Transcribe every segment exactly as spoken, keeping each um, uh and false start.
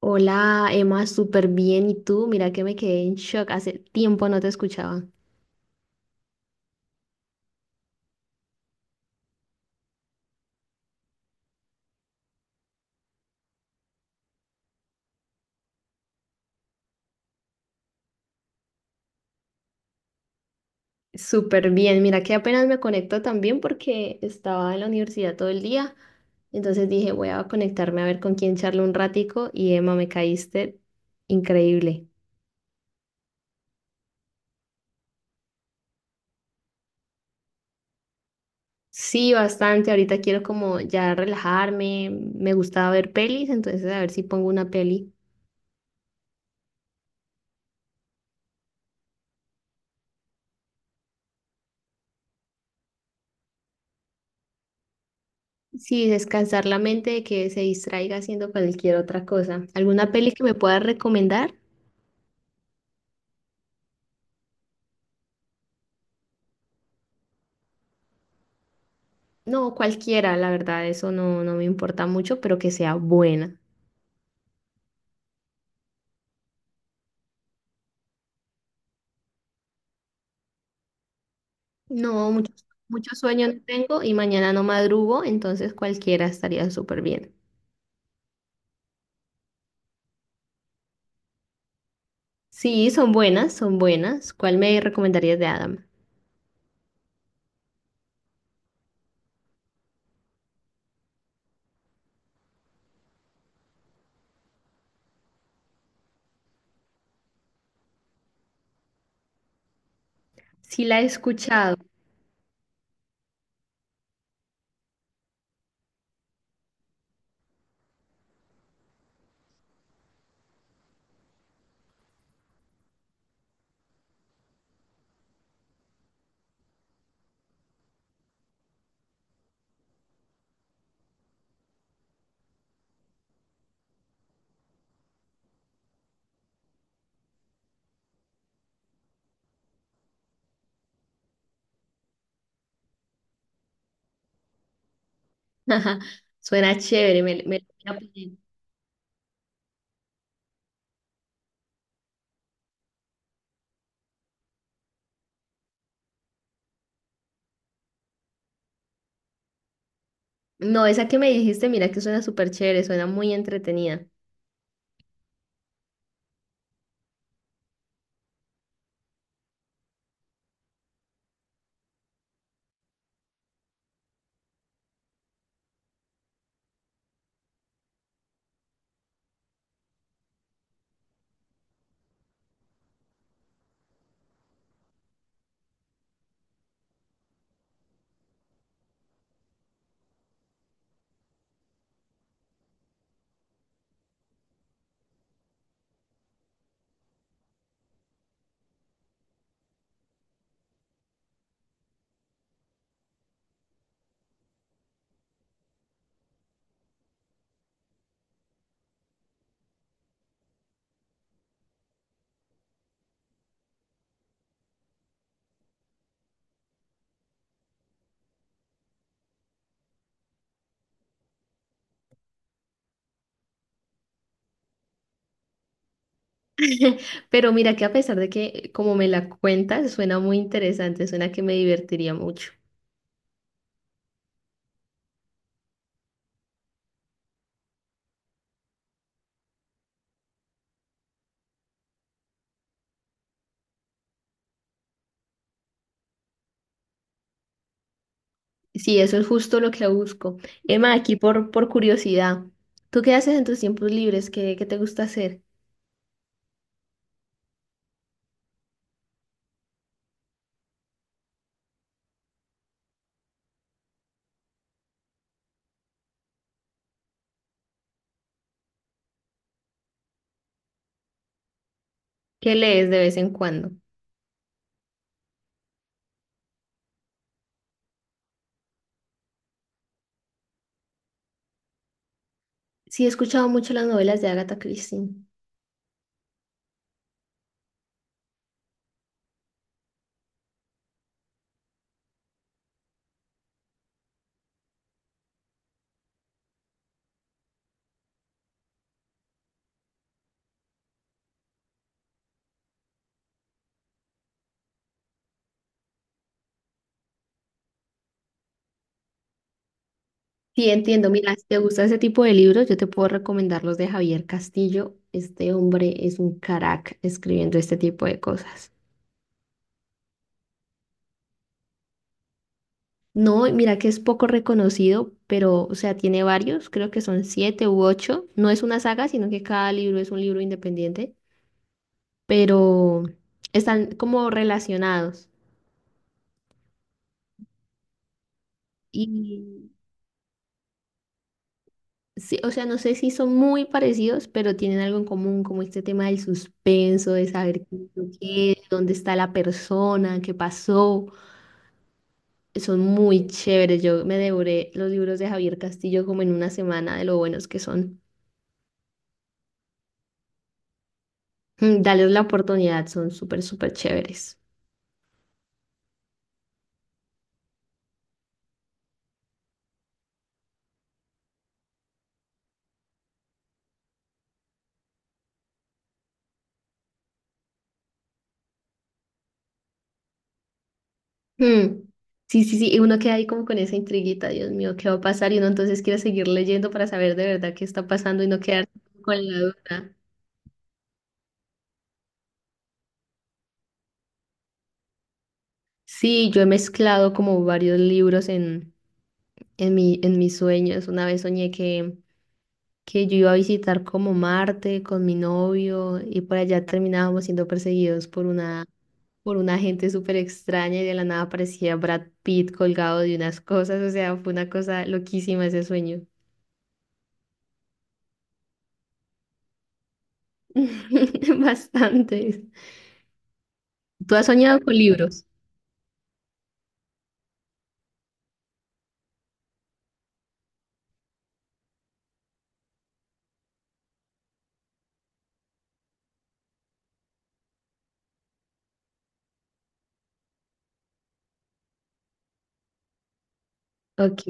Hola, Emma, súper bien. ¿Y tú? Mira que me quedé en shock. Hace tiempo no te escuchaba. Súper bien. Mira que apenas me conecto también porque estaba en la universidad todo el día. Entonces dije, voy a conectarme a ver con quién charlo un ratico. Y Emma, me caíste increíble. Sí, bastante. Ahorita quiero como ya relajarme. Me gustaba ver pelis, entonces a ver si pongo una peli. Sí, descansar la mente de que se distraiga haciendo cualquier otra cosa. ¿Alguna peli que me puedas recomendar? No, cualquiera, la verdad, eso no, no me importa mucho, pero que sea buena. No, mucho, mucho sueño no tengo y mañana no madrugo, entonces cualquiera estaría súper bien. Sí, son buenas, son buenas. ¿Cuál me recomendarías de Adam? Sí, la he escuchado. Suena chévere, me, me la voy a poner. No, esa que me dijiste, mira que suena súper chévere, suena muy entretenida. Pero mira que a pesar de que, como me la cuentas, suena muy interesante, suena que me divertiría mucho. Sí, eso es justo lo que busco. Emma, aquí por, por curiosidad, ¿tú qué haces en tus tiempos libres? ¿Qué, qué te gusta hacer? ¿Qué lees de vez en cuando? Sí, he escuchado mucho las novelas de Agatha Christie. Sí, entiendo. Mira, si te gusta ese tipo de libros, yo te puedo recomendar los de Javier Castillo. Este hombre es un crack escribiendo este tipo de cosas. No, y mira que es poco reconocido, pero, o sea, tiene varios, creo que son siete u ocho. No es una saga, sino que cada libro es un libro independiente, pero están como relacionados. Y sí, o sea, no sé si son muy parecidos, pero tienen algo en común, como este tema del suspenso, de saber qué es lo que es, dónde está la persona, qué pasó. Son muy chéveres. Yo me devoré los libros de Javier Castillo como en una semana de lo buenos que son. Mm, dales la oportunidad, son súper, súper chéveres. Mm. Sí, sí, sí, y uno queda ahí como con esa intriguita, Dios mío, ¿qué va a pasar? Y uno entonces quiere seguir leyendo para saber de verdad qué está pasando y no quedarse con la duda. Sí, yo he mezclado como varios libros en, en mi, en mis sueños. Una vez soñé que, que yo iba a visitar como Marte con mi novio y por allá terminábamos siendo perseguidos por una, por una gente súper extraña y de la nada aparecía Brad Pitt colgado de unas cosas. O sea, fue una cosa loquísima ese sueño. Bastante. Tú has soñado con libros. Ok.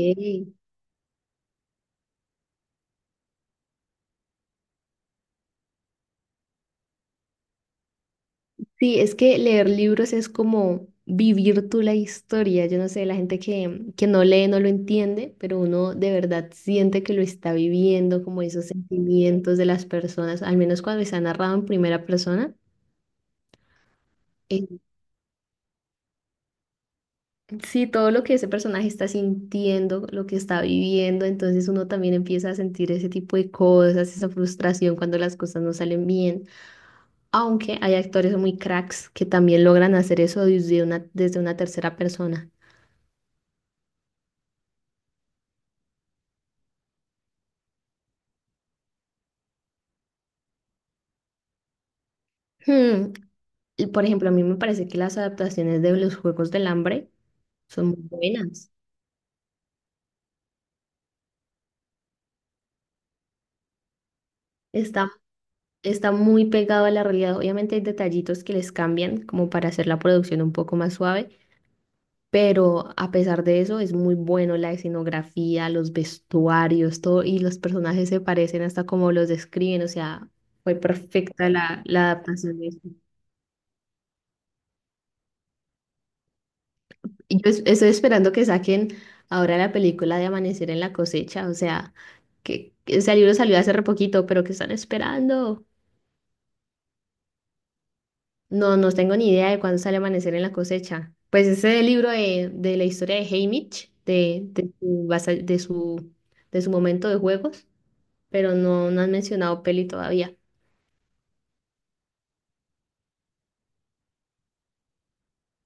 Sí, es que leer libros es como vivir tú la historia. Yo no sé, la gente que, que no lee no lo entiende, pero uno de verdad siente que lo está viviendo, como esos sentimientos de las personas, al menos cuando está narrado en primera persona. eh, sí, todo lo que ese personaje está sintiendo, lo que está viviendo, entonces uno también empieza a sentir ese tipo de cosas, esa frustración cuando las cosas no salen bien. Aunque hay actores muy cracks que también logran hacer eso desde una, desde una tercera persona. Hmm, y por ejemplo, a mí me parece que las adaptaciones de los Juegos del Hambre son muy buenas. Está, Está muy pegado a la realidad. Obviamente hay detallitos que les cambian como para hacer la producción un poco más suave, pero a pesar de eso es muy bueno la escenografía, los vestuarios, todo, y los personajes se parecen hasta como los describen. O sea, fue perfecta la, la adaptación de eso. Y yo es- estoy esperando que saquen ahora la película de Amanecer en la cosecha, o sea, que que ese libro salió hace re poquito, pero que están esperando. No, no tengo ni idea de cuándo sale Amanecer en la cosecha. Pues ese libro de, de la historia de Haymitch, de, de, su, basa- de su de su momento de juegos, pero no, no han mencionado peli todavía.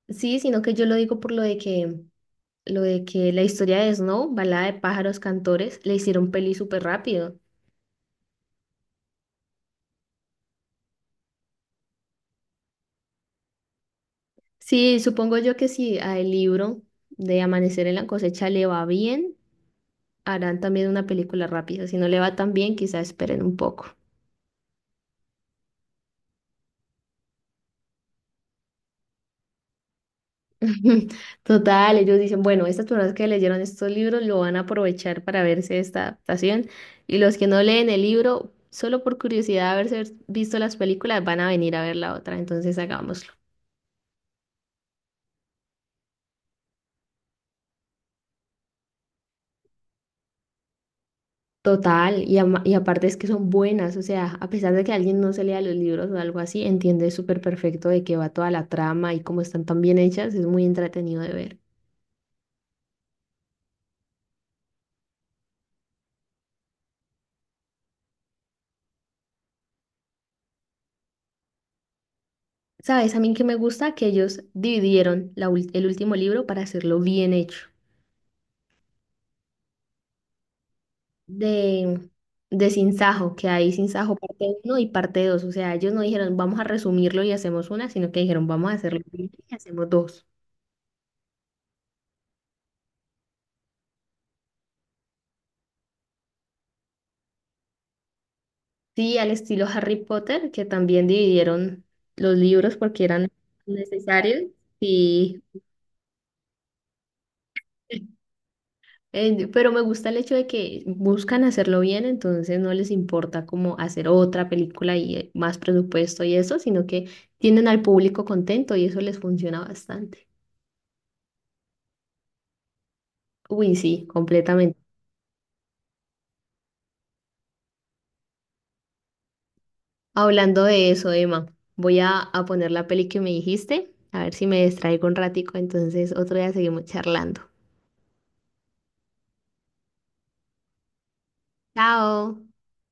Sí, sino que yo lo digo por lo de que lo de que la historia de Snow, Balada de pájaros cantores, le hicieron peli súper rápido. Sí, supongo yo que si al libro de Amanecer en la cosecha le va bien, harán también una película rápida. Si no le va tan bien, quizá esperen un poco. Total, ellos dicen, bueno, estas personas que leyeron estos libros lo van a aprovechar para verse esta adaptación y los que no leen el libro, solo por curiosidad de haberse visto las películas, van a venir a ver la otra, entonces hagámoslo. Total, y, ama- y aparte es que son buenas, o sea, a pesar de que alguien no se lea los libros o algo así, entiende súper perfecto de qué va toda la trama y cómo están tan bien hechas, es muy entretenido de ver. ¿Sabes? A mí que me gusta que ellos dividieron la ul- el último libro para hacerlo bien hecho. De, de Sinsajo, que hay Sinsajo parte uno y parte dos, o sea, ellos no dijeron vamos a resumirlo y hacemos una, sino que dijeron vamos a hacerlo bien y hacemos dos. Sí, al estilo Harry Potter, que también dividieron los libros porque eran necesarios. Sí, Eh, pero me gusta el hecho de que buscan hacerlo bien, entonces no les importa como hacer otra película y eh, más presupuesto y eso, sino que tienen al público contento y eso les funciona bastante. Uy, sí, completamente. Hablando de eso, Emma, voy a, a poner la peli que me dijiste, a ver si me distraigo un ratico, entonces otro día seguimos charlando. Chao.